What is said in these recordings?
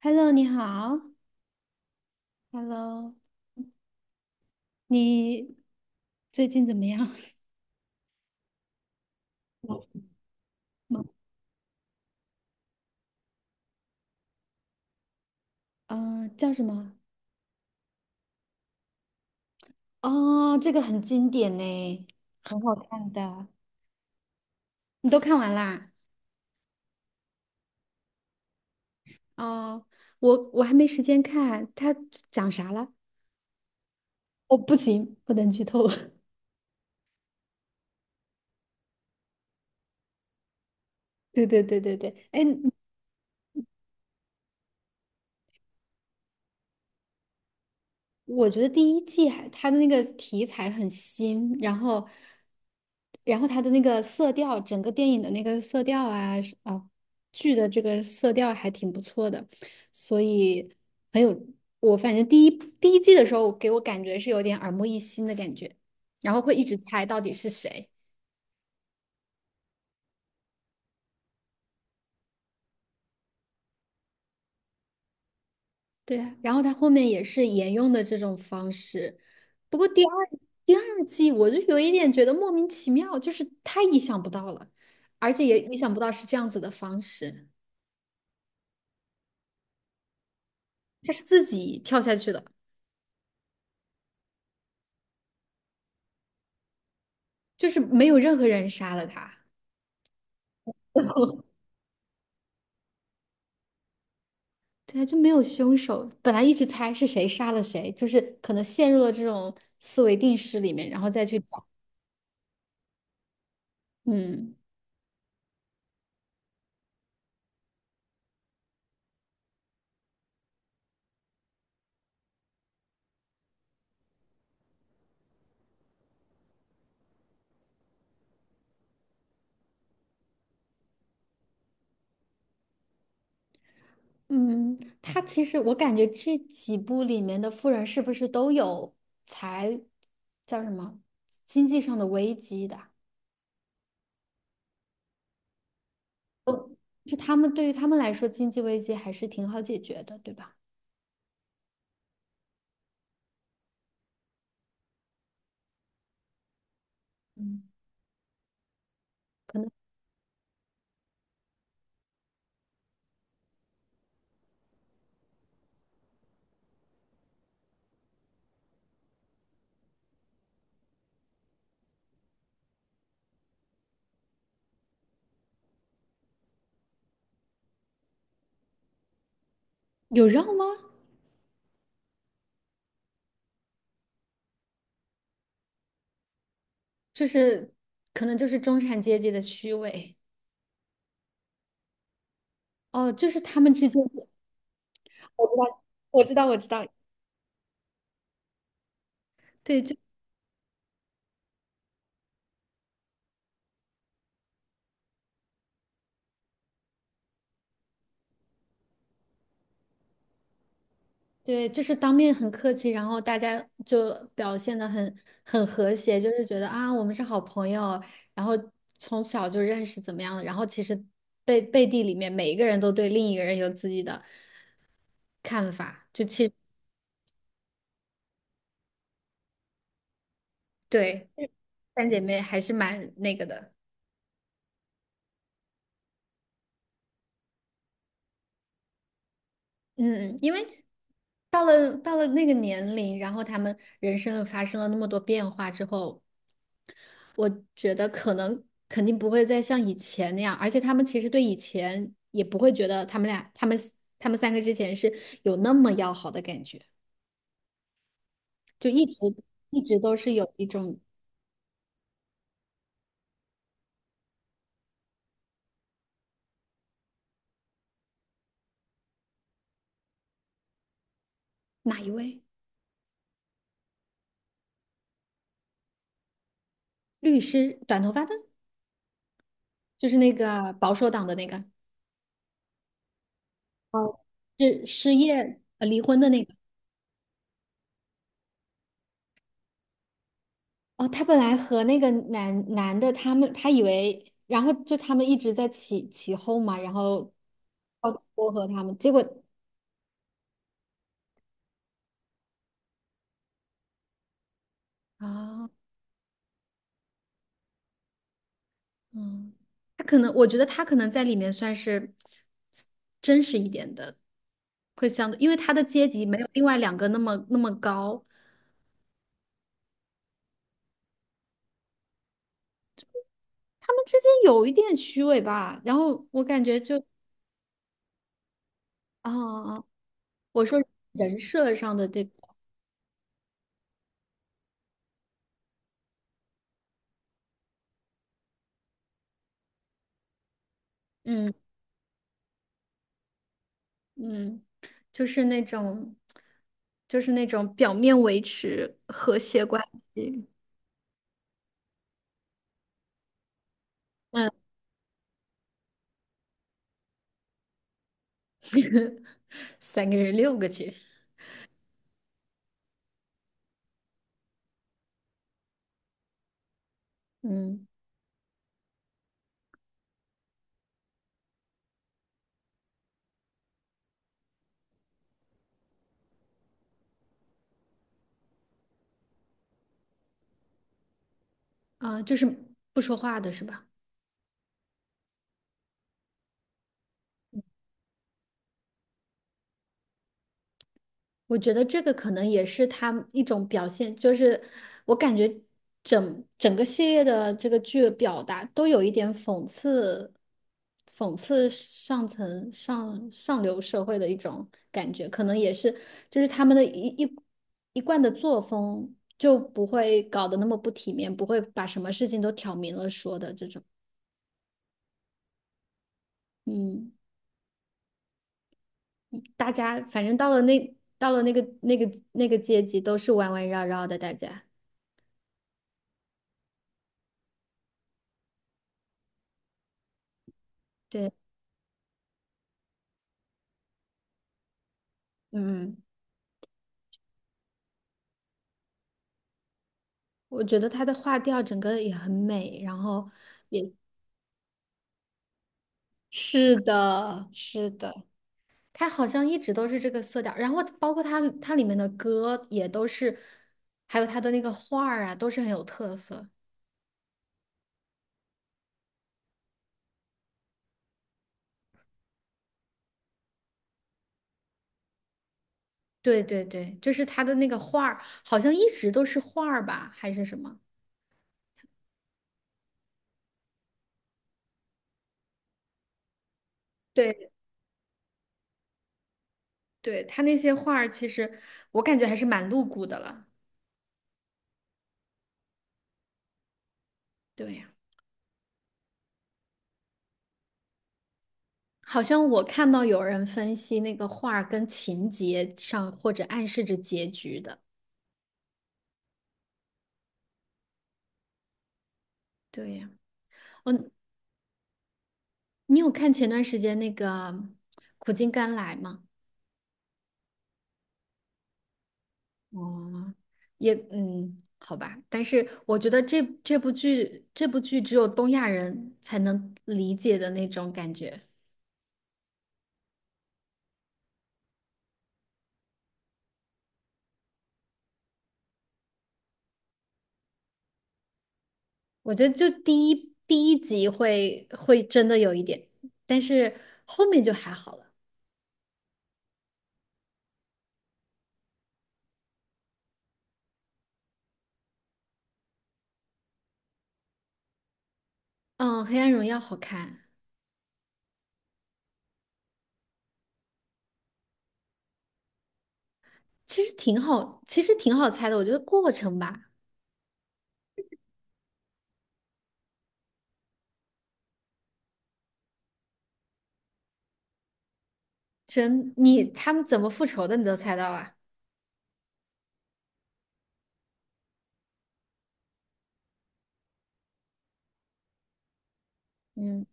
Hello，你好。Hello，你最近怎么样？嗯，叫什么？哦，这个很经典呢，很好看的。你都看完啦？哦，我还没时间看，它讲啥了？哦，不行，不能剧透。对对对对对。哎，我觉得第一季还它的那个题材很新，然后它的那个色调，整个电影的那个色调啊，是啊，剧的这个色调还挺不错的，所以很有我反正第一季的时候给我感觉是有点耳目一新的感觉，然后会一直猜到底是谁。对啊，然后他后面也是沿用的这种方式，不过第二季我就有一点觉得莫名其妙，就是太意想不到了，而且也意想不到是这样子的方式，他是自己跳下去的，就是没有任何人杀了他，对啊，就没有凶手，本来一直猜是谁杀了谁，就是可能陷入了这种思维定式里面，然后再去找，嗯。嗯，他其实我感觉这几部里面的富人是不是都有财，叫什么，经济上的危机的？是他们对于他们来说，经济危机还是挺好解决的，对吧？嗯，可能有让吗？就是可能就是中产阶级的虚伪哦，就是他们之间，我知道，我知道，我知道，对，就对，就是当面很客气，然后大家就表现的很和谐，就是觉得啊，我们是好朋友，然后从小就认识怎么样的，然后其实背地里面每一个人都对另一个人有自己的看法，就其实对三姐妹还是蛮那个的。嗯，因为到了那个年龄，然后他们人生发生了那么多变化之后，我觉得可能肯定不会再像以前那样，而且他们其实对以前也不会觉得他们俩、他们、他们三个之前是有那么要好的感觉，就一直一直都是有一种。哪一位律师，短头发的，就是那个保守党的那个，哦，是失业离婚的那个。哦，他本来和那个男的，他以为，然后就他们一直在起起哄嘛，然后要撮合他们，结果啊。嗯，他可能，我觉得他可能在里面算是真实一点的，会相对，因为他的阶级没有另外两个那么那么高，他们之间有一点虚伪吧。然后我感觉就啊，啊我说人设上的这个，嗯嗯，就是那种，就是那种表面维持和谐关系。嗯，三个人六个去，嗯啊，就是不说话的是吧？我觉得这个可能也是他一种表现，就是我感觉整个系列的这个剧表达都有一点讽刺，讽刺上层上流社会的一种感觉，可能也是就是他们的一贯的作风就不会搞得那么不体面，不会把什么事情都挑明了说的这种。嗯，大家反正到了那个阶级都是弯弯绕绕的，大家对，嗯。我觉得他的画调整个也很美，然后是的，是的，他好像一直都是这个色调，然后包括他里面的歌也都是，还有他的那个画儿啊，都是很有特色。对对对，就是他的那个画儿，好像一直都是画儿吧，还是什么？对对，他那些画儿其实我感觉还是蛮露骨的了。对呀。好像我看到有人分析那个画儿跟情节上，或者暗示着结局的。对呀。嗯，你有看前段时间那个苦尽甘来吗？哦，也嗯，好吧，但是我觉得这部剧只有东亚人才能理解的那种感觉。我觉得就第一集会真的有一点，但是后面就还好了。嗯，《黑暗荣耀》好看，其实挺好猜的。我觉得过程吧，你他们怎么复仇的你都猜到了。嗯。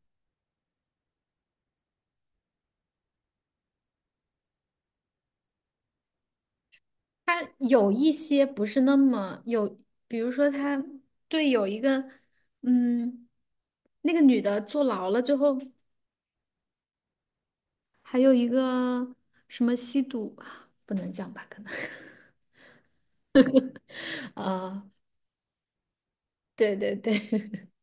他有一些不是那么有，比如说他对有一个，嗯，那个女的坐牢了之后，还有一个什么吸毒，不能讲吧？可能，啊，对对对，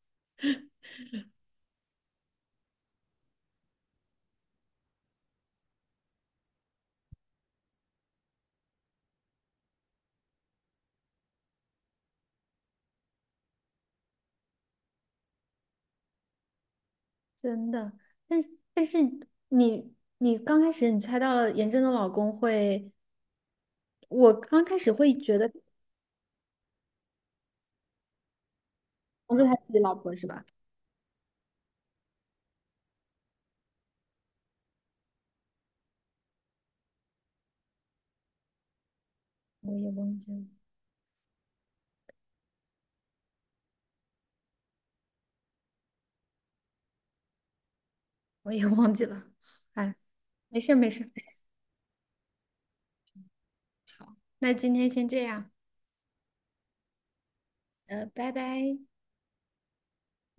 真的。但是但是你你刚开始你猜到了严正的老公会，我刚开始会觉得不是他自己老婆是吧？我也忘记了，我也忘记了。哎，没事儿没事儿，好，那今天先这样。拜拜。